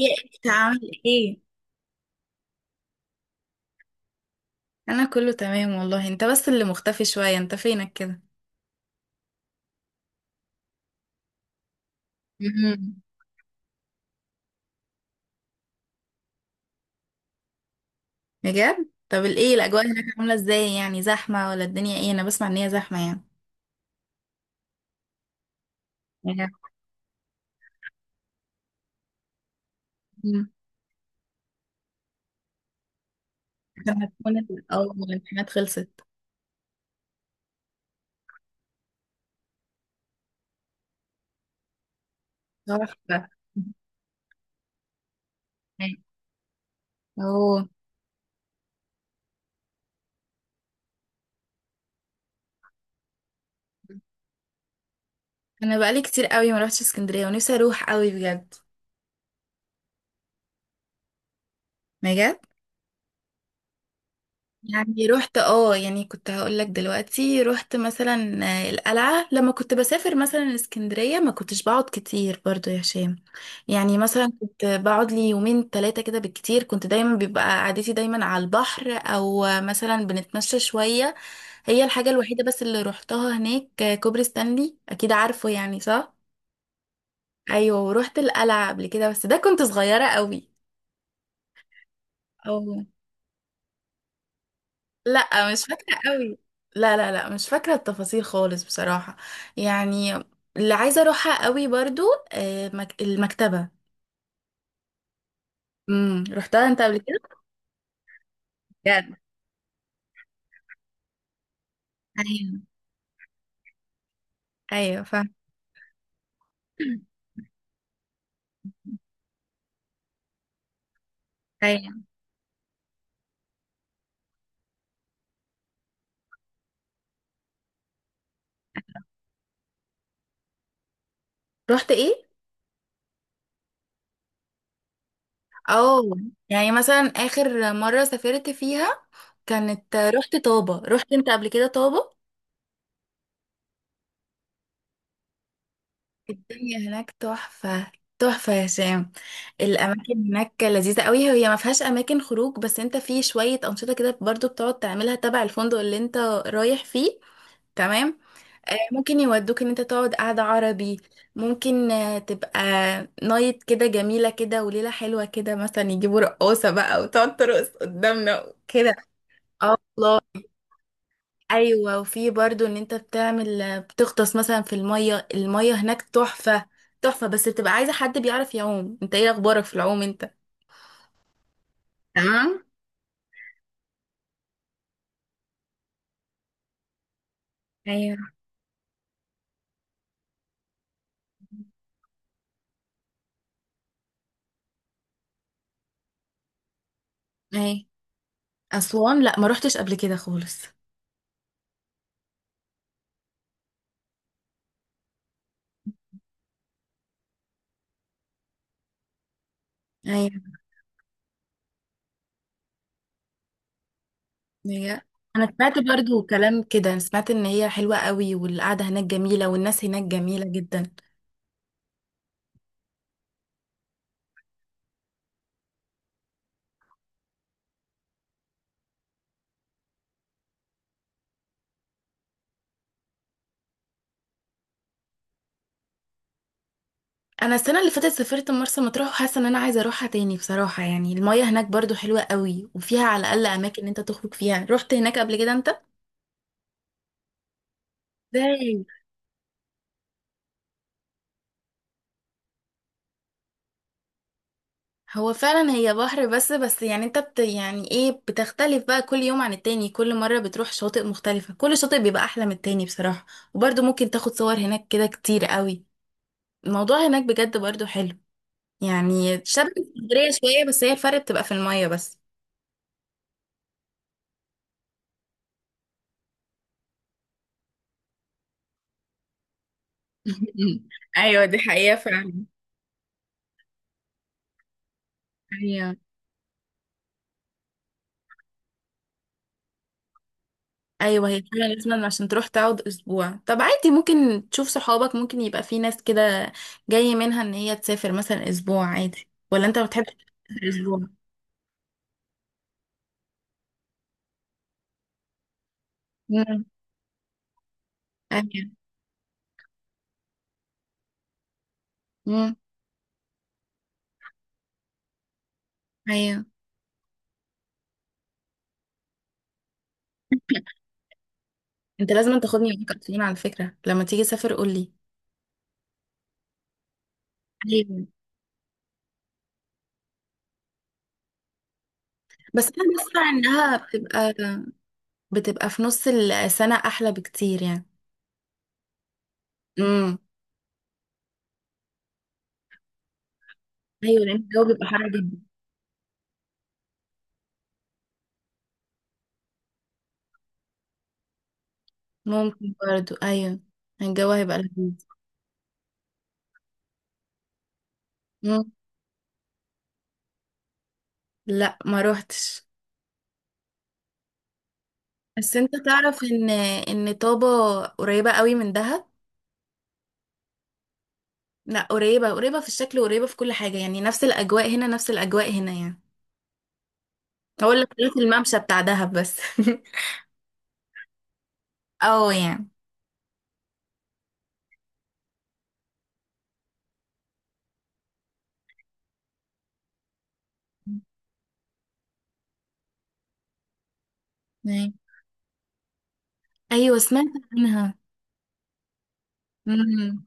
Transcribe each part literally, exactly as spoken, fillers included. ايه، انت عامل ايه؟ انا كله تمام والله، انت بس اللي مختفي شوية، انت فينك كده؟ مم. بجد؟ طب الايه الاجواء هناك عاملة ازاي؟ يعني زحمة ولا الدنيا ايه؟ انا بسمع ان هي زحمة. يعني يعني. مم. عشان هتكون ال- اه الامتحانات خلصت. تحفة. اوه. انا بقالي كتير قوي ما روحتش اسكندرية ونفسي اروح قوي بجد. بجد. يعني رحت، اه يعني كنت هقول لك دلوقتي رحت مثلا آه، القلعة. لما كنت بسافر مثلا اسكندرية ما كنتش بقعد كتير برضو يا هشام، يعني مثلا كنت بقعد لي يومين ثلاثة كده بالكتير، كنت دايما بيبقى قعدتي دايما على البحر، او آه، مثلا بنتمشى شوية. هي الحاجة الوحيدة بس اللي روحتها هناك آه، كوبري ستانلي، اكيد عارفه يعني، صح؟ ايوه، ورحت القلعة قبل كده، بس ده كنت صغيرة قوي. اه. لا، مش فاكرة قوي. لا لا لا، مش فاكرة التفاصيل خالص بصراحة. يعني اللي عايزة اروحها قوي برضو آه، مك- المكتبة. امم، رحتها انت قبل كده؟ بجد؟ ايوه. ايوه فاهم. ايوه. رحت ايه؟ اه يعني مثلا اخر مرة سافرت فيها كانت رحت طابة، رحت انت قبل كده طابة؟ الدنيا هناك تحفة. تحفة يا هشام. الأماكن هناك لذيذة قوي. هي ما فيهاش أماكن خروج، بس أنت في شوية أنشطة كده برضو بتقعد تعملها تبع الفندق اللي أنت رايح فيه. تمام. آه، ممكن يودوك ان انت تقعد قعدة عربي. ممكن آه، تبقى نايت كده جميلة كده وليلة حلوة كده، مثلا يجيبوا رقاصة بقى وتقعد ترقص قدامنا كده. اه والله. ايوه، وفي برضو ان انت بتعمل بتغطس مثلا في الميه، الميه هناك تحفه. تحفه، بس بتبقى عايزه حد بيعرف يعوم، انت ايه اخبارك في العوم انت؟ تمام. ايوه. اهي. اسوان؟ لا، ما روحتش قبل كده خالص. ايوه. بجد. انا سمعت برضو كلام كده، أنا سمعت ان هي حلوه قوي والقعده هناك جميله والناس هناك جميله جدا. انا السنه اللي فاتت سافرت مرسى مطروح وحاسه ان انا عايزه اروحها تاني بصراحه، يعني الميه هناك برضو حلوه قوي وفيها على الاقل اماكن إن انت تخرج فيها. رحت هناك قبل كده انت؟ ازاي؟ هو فعلا هي بحر بس، بس يعني انت بت يعني ايه، بتختلف بقى كل يوم عن التاني، كل مرة بتروح شاطئ مختلفة، كل شاطئ بيبقى احلى من التاني بصراحة. وبرضه ممكن تاخد صور هناك كده كتير قوي. الموضوع هناك بجد برضه حلو، يعني شبه اسكندرية شوية، بس هي الفرق بتبقى في المية بس. ايوه، دي حقيقة فعلا. ايوه ايوه، هي فعلا لازم عشان تروح تقعد اسبوع. طب عادي، ممكن تشوف صحابك، ممكن يبقى في ناس كده جاي منها ان هي تسافر مثلا اسبوع عادي، ولا انت ما بتحبش تسافر اسبوع؟ امم. ايوه. امم. ايوه، انت لازم تاخدني معاك اقليم على فكرة لما تيجي تسافر قولي. ايوه. بس انا بسمع انها بتبقى، بتبقى في نص السنة احلى بكتير يعني. امم. ايوه، لان الجو بيبقى حر جدا. ممكن برضو ايوه. الجو هيبقى لذيذ. امم. لا، ما روحتش. بس انت تعرف ان ان طابة قريبة قوي من دهب. لا قريبة، قريبة في الشكل، قريبة في كل حاجة، يعني نفس الاجواء هنا، نفس الاجواء هنا يعني. هو اللي اختلاف الممشى بتاع دهب بس. اه يعني أي- ايوه، سمعت عنها. امم.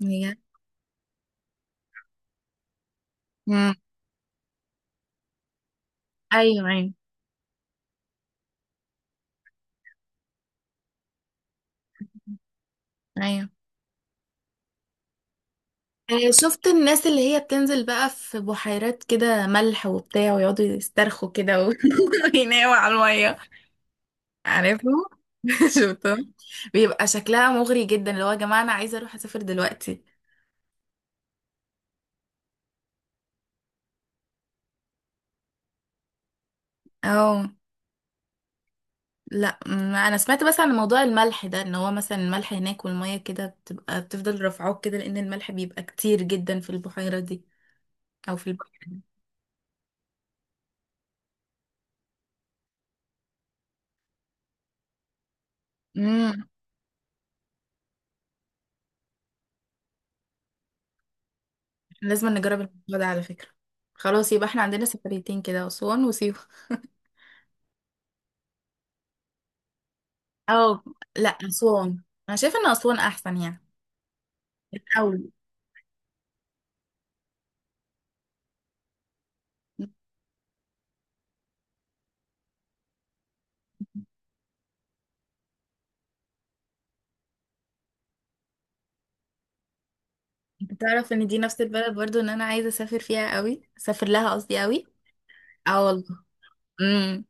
بجد. امم. ايوه. ايوه. ايوه آه، شفت الناس اللي هي بتنزل بقى في بحيرات كده ملح وبتاع ويقعدوا يسترخوا كده و- ويناموا على الميه. عارفه. شفتهم. بيبقى شكلها مغري جدا، اللي هو يا جماعه انا عايزه اروح اسافر دلوقتي. اه. لا، ما انا سمعت بس عن موضوع الملح ده، ان هو مثلا الملح هناك والميه كده بتبقى بتفضل رافعاك كده، لان الملح بيبقى كتير جدا في البحيره دي او في البحر. امم. لازم نجرب الموضوع ده على فكرة. خلاص، يبقى احنا عندنا سفريتين كده، أسوان وسيوة. أو لا، أسوان. أنا شايفة إن أسوان أحسن يعني. الأول. أنت تعرف إن دي نفس البلد برضو إن أنا عايزة أسافر فيها قوي، أسافر لها قصدي قوي. أه والله. امم.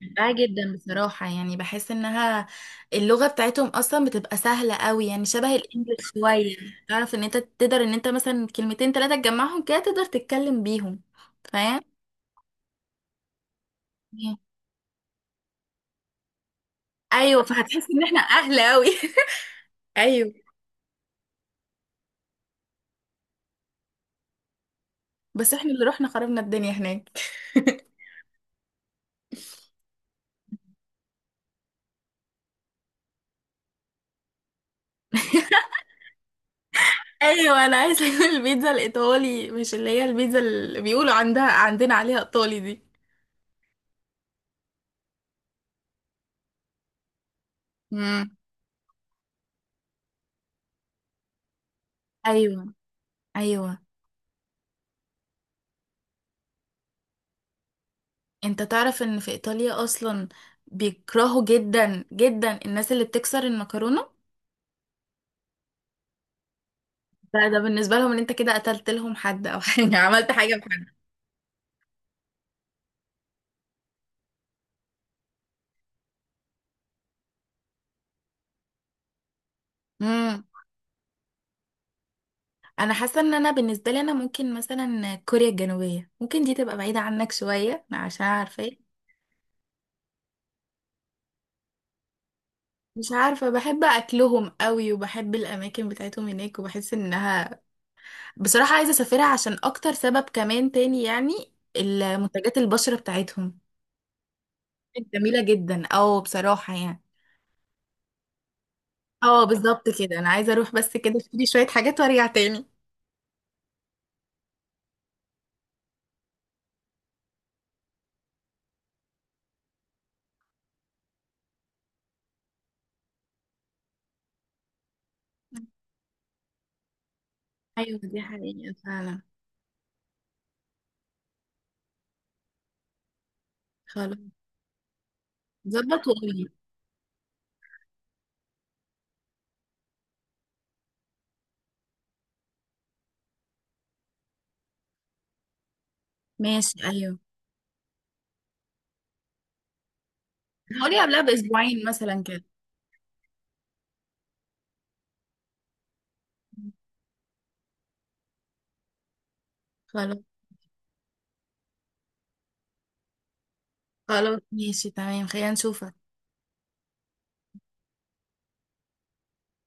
بحبها جدا بصراحة، يعني بحس إنها، اللغة بتاعتهم أصلا بتبقى سهلة قوي يعني، شبه الإنجليش شوية. تعرف إن أنت تقدر إن أنت مثلا كلمتين تلاتة تجمعهم كده تقدر تتكلم بيهم، فاهم؟ ايوه، فهتحس ان احنا اهل قوي. ايوه. بس احنا اللي رحنا خربنا الدنيا هناك. ايوه، انا عايزه اكل البيتزا الايطالي، مش اللي هي البيتزا اللي بيقولوا عندها عندنا عليها ايطالي دي. امم. ايوه. ايوه. انت تعرف ان في ايطاليا اصلا بيكرهوا جدا جدا الناس اللي بتكسر المكرونه؟ ده ده بالنسبه لهم ان انت كده قتلت لهم حد او حاجه. عملت حاجه. بحد. انا حاسه ان انا بالنسبه لي انا ممكن مثلا كوريا الجنوبيه، ممكن دي تبقى بعيده عنك شويه، عشان عارفه مش عارفه، بحب اكلهم قوي وبحب الاماكن بتاعتهم هناك، وبحس انها بصراحه عايزه اسافرها عشان اكتر سبب كمان تاني يعني، المنتجات البشره بتاعتهم جميله جدا او بصراحه يعني. اه بالظبط كده، انا عايزه اروح بس كده اشتري شويه حاجات وارجع تاني. ايوه، دي حقيقه فعلا. خلاص. ظبط وقولي. ماشي ايوه. هقولي قبلها باسبوعين مثلا كده. خلاص. خلاص ماشي تمام، خلينا نشوف.